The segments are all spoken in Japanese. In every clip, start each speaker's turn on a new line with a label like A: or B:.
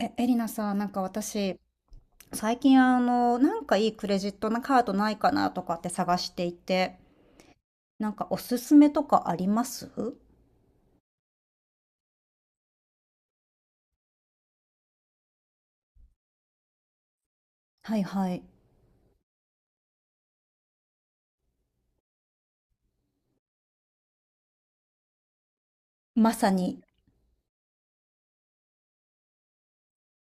A: エリナさん、なんか私、最近なんかいいクレジットのカードないかなとかって探していて、なんかおすすめとかあります？はいはい。まさに。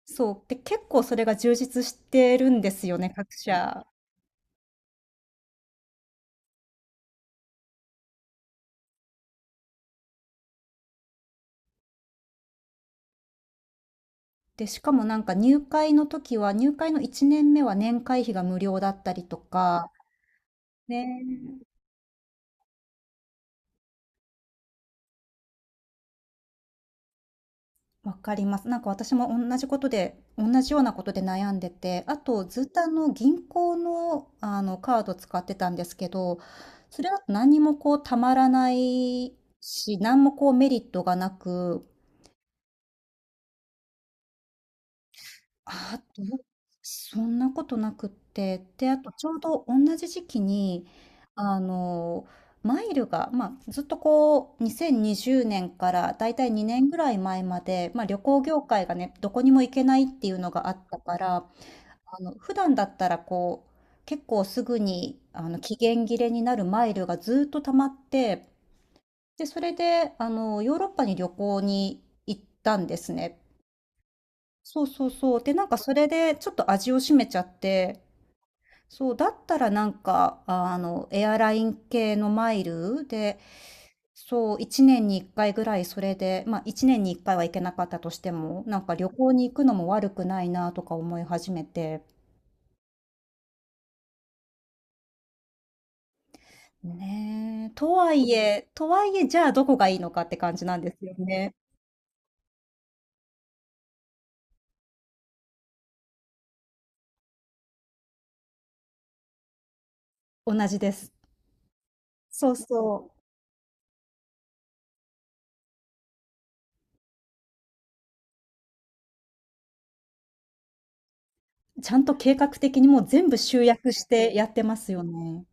A: そう。で、結構それが充実してるんですよね、各社。で、しかもなんか入会の時は、入会の1年目は年会費が無料だったりとか。ね。わかります。なんか私も同じことで、同じようなことで悩んでて、あとずっとあの銀行の、あのカード使ってたんですけど、それだと何もこうたまらないし、何もこうメリットがなく。ああ、どう。そんなことなくって、で、あとちょうど同じ時期に、あの、マイルが、まあ、ずっとこう、2020年からだいたい2年ぐらい前まで、まあ、旅行業界がね、どこにも行けないっていうのがあったから、普段だったらこう、結構すぐに、期限切れになるマイルがずっと溜まって、で、それで、ヨーロッパに旅行に行ったんですね。そうそうそう。で、なんかそれでちょっと味を占めちゃって、そう、だったらなんか、エアライン系のマイルで、そう、1年に1回ぐらいそれで、まあ1年に1回は行けなかったとしても、なんか旅行に行くのも悪くないなとか思い始めて。ねえ、とはいえ、じゃあどこがいいのかって感じなんですよね。同じです。そうそう。ちゃんと計画的にもう全部集約してやってますよね。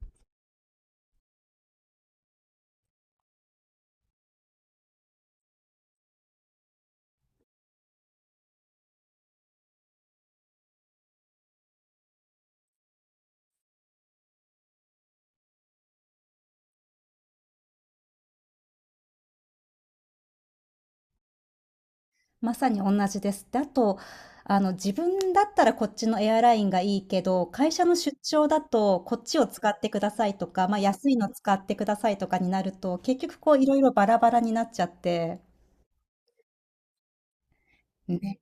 A: まさに同じです。で、あと、自分だったらこっちのエアラインがいいけど、会社の出張だとこっちを使ってくださいとか、まあ、安いの使ってくださいとかになると、結局こういろいろバラバラになっちゃって、ね。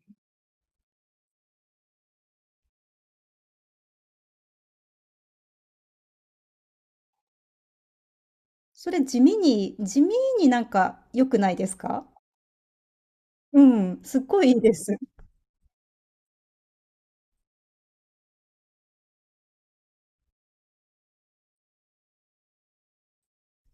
A: それ地味に地味になんか良くないですか？うん、すっごいいいです。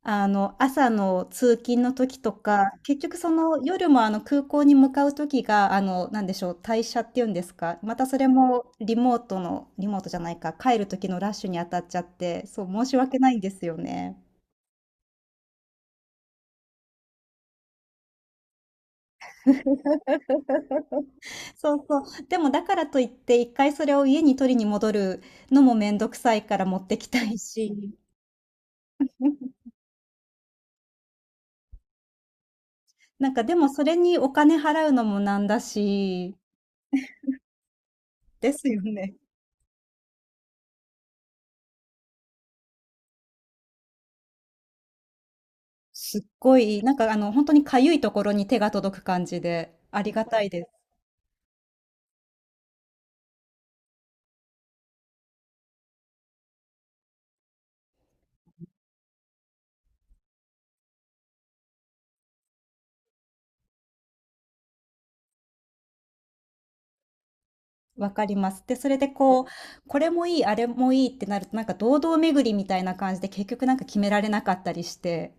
A: 朝の通勤の時とか、結局その夜もあの空港に向かう時が、なんでしょう、退社っていうんですか、またそれもリモートのリモートじゃないか、帰る時のラッシュに当たっちゃって、そう、申し訳ないんですよね。そうそう。でもだからといって、一回それを家に取りに戻るのもめんどくさいから持ってきたいし、なんかでもそれにお金払うのもなんだし、ですよね。すっごい、なんか本当にかゆいところに手が届く感じで、ありがたいです。わかります。で、それでこう、これもいい、あれもいいってなると、なんか堂々巡りみたいな感じで、結局なんか決められなかったりして。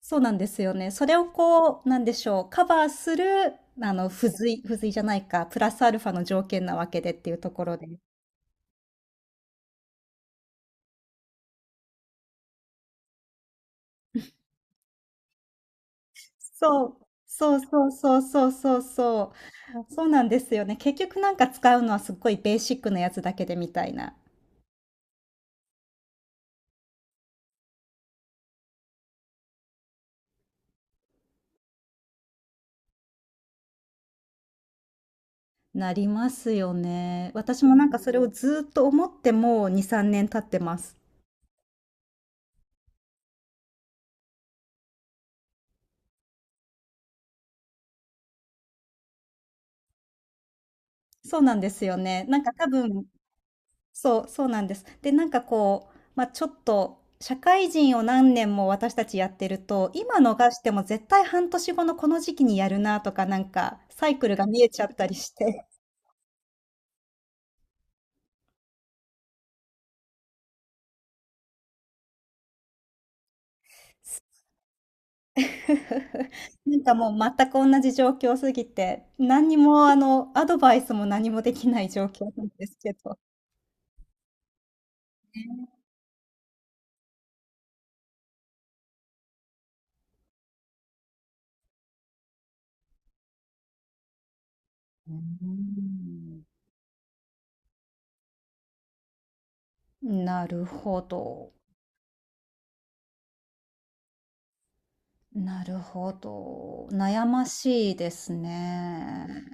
A: そうなんですよね。それをこう、なんでしょう、カバーする、付随付随じゃないか、プラスアルファの条件なわけでっていうところで。そう。そうそうそうそうそうそう。そうなんですよね。結局なんか使うのはすっごいベーシックなやつだけでみたいな。なりますよね。私もなんかそれをずっと思ってもう2、3年経ってます。そうなんですよね。なんか多分、そう、そうなんです。で、なんかこう、まあ、ちょっと、社会人を何年も私たちやってると、今逃しても絶対半年後のこの時期にやるなとか、なんかサイクルが見えちゃったりして。なんかもう全く同じ状況すぎて、何にもアドバイスも何もできない状況なんですけど。うーんなるほど。なるほど。悩ましいですね。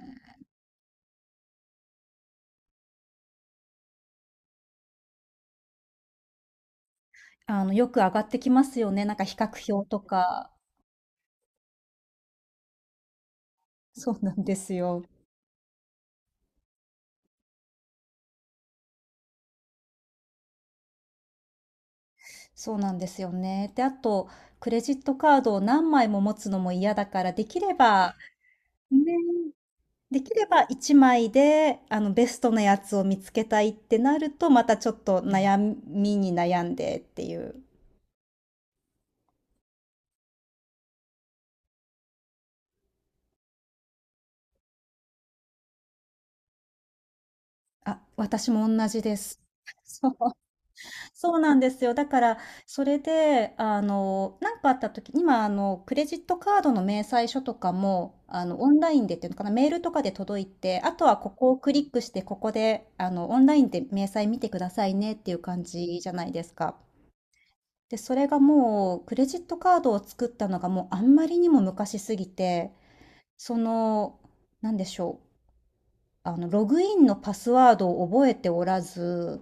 A: よく上がってきますよね。なんか比較表とか。そうなんですよ。そうなんですよね。で、あと、クレジットカードを何枚も持つのも嫌だから、できれば、ね、できれば1枚で、ベストなやつを見つけたいってなると、またちょっと悩みに悩んでっていう。あ、私も同じです。そうそうなんですよ。だから、それで、なんかあった時、今、クレジットカードの明細書とかも、オンラインでっていうのかな、メールとかで届いて、あとはここをクリックして、ここで、オンラインで明細見てくださいねっていう感じじゃないですか。で、それがもう、クレジットカードを作ったのがもうあんまりにも昔すぎて、その、なんでしょう、ログインのパスワードを覚えておらず、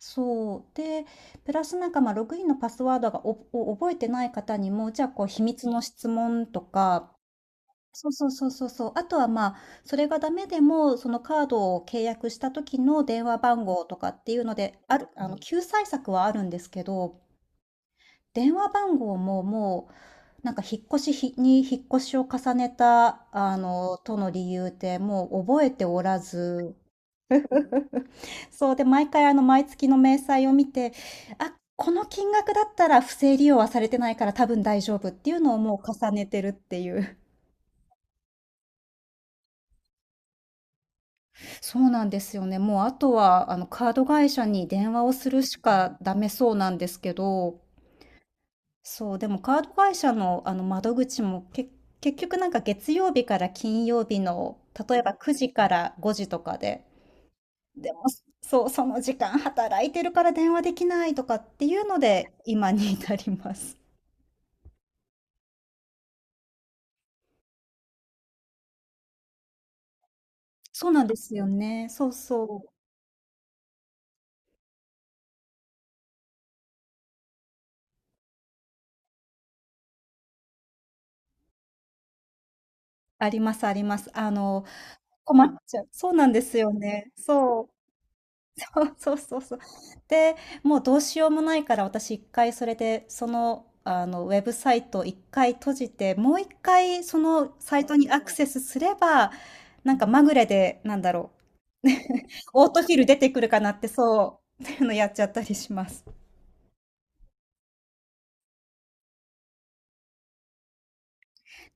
A: そう。で、プラスなんか、ログインのパスワードが、おを覚えてない方にも、じゃあ、こう、秘密の質問とか。そうそうそうそうそう。あとは、あ、それがダメでも、そのカードを契約した時の電話番号とかっていうので、あるあの、救済策はあるんですけど、電話番号も、もう、なんか、引っ越しを重ねた、との理由で、もう覚えておらず。そう。で、毎月の明細を見て、あ、この金額だったら不正利用はされてないから多分大丈夫っていうのをもう重ねてるっていう。そうなんですよね。もうあとはあのカード会社に電話をするしかダメそうなんですけど、そう、でもカード会社のあの窓口も結局なんか月曜日から金曜日の例えば9時から5時とかで、でもそう、その時間働いてるから電話できないとかっていうので今に至ります。そうなんですよね。そうそう。ありますあります。困っちゃう。そうなんですよね。そう。そうそうそうそう。で、もうどうしようもないから、私1回それで、ウェブサイトを1回閉じて、もう1回そのサイトにアクセスすれば、なんかまぐれで、なんだろう、オートフィル出てくるかなって、そう、っていうのやっちゃったりします。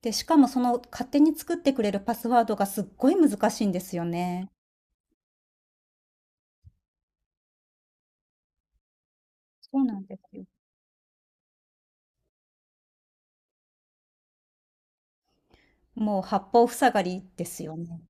A: で、しかもその勝手に作ってくれるパスワードがすっごい難しいんですよね。そうなんですよ。もう八方塞がりですよね。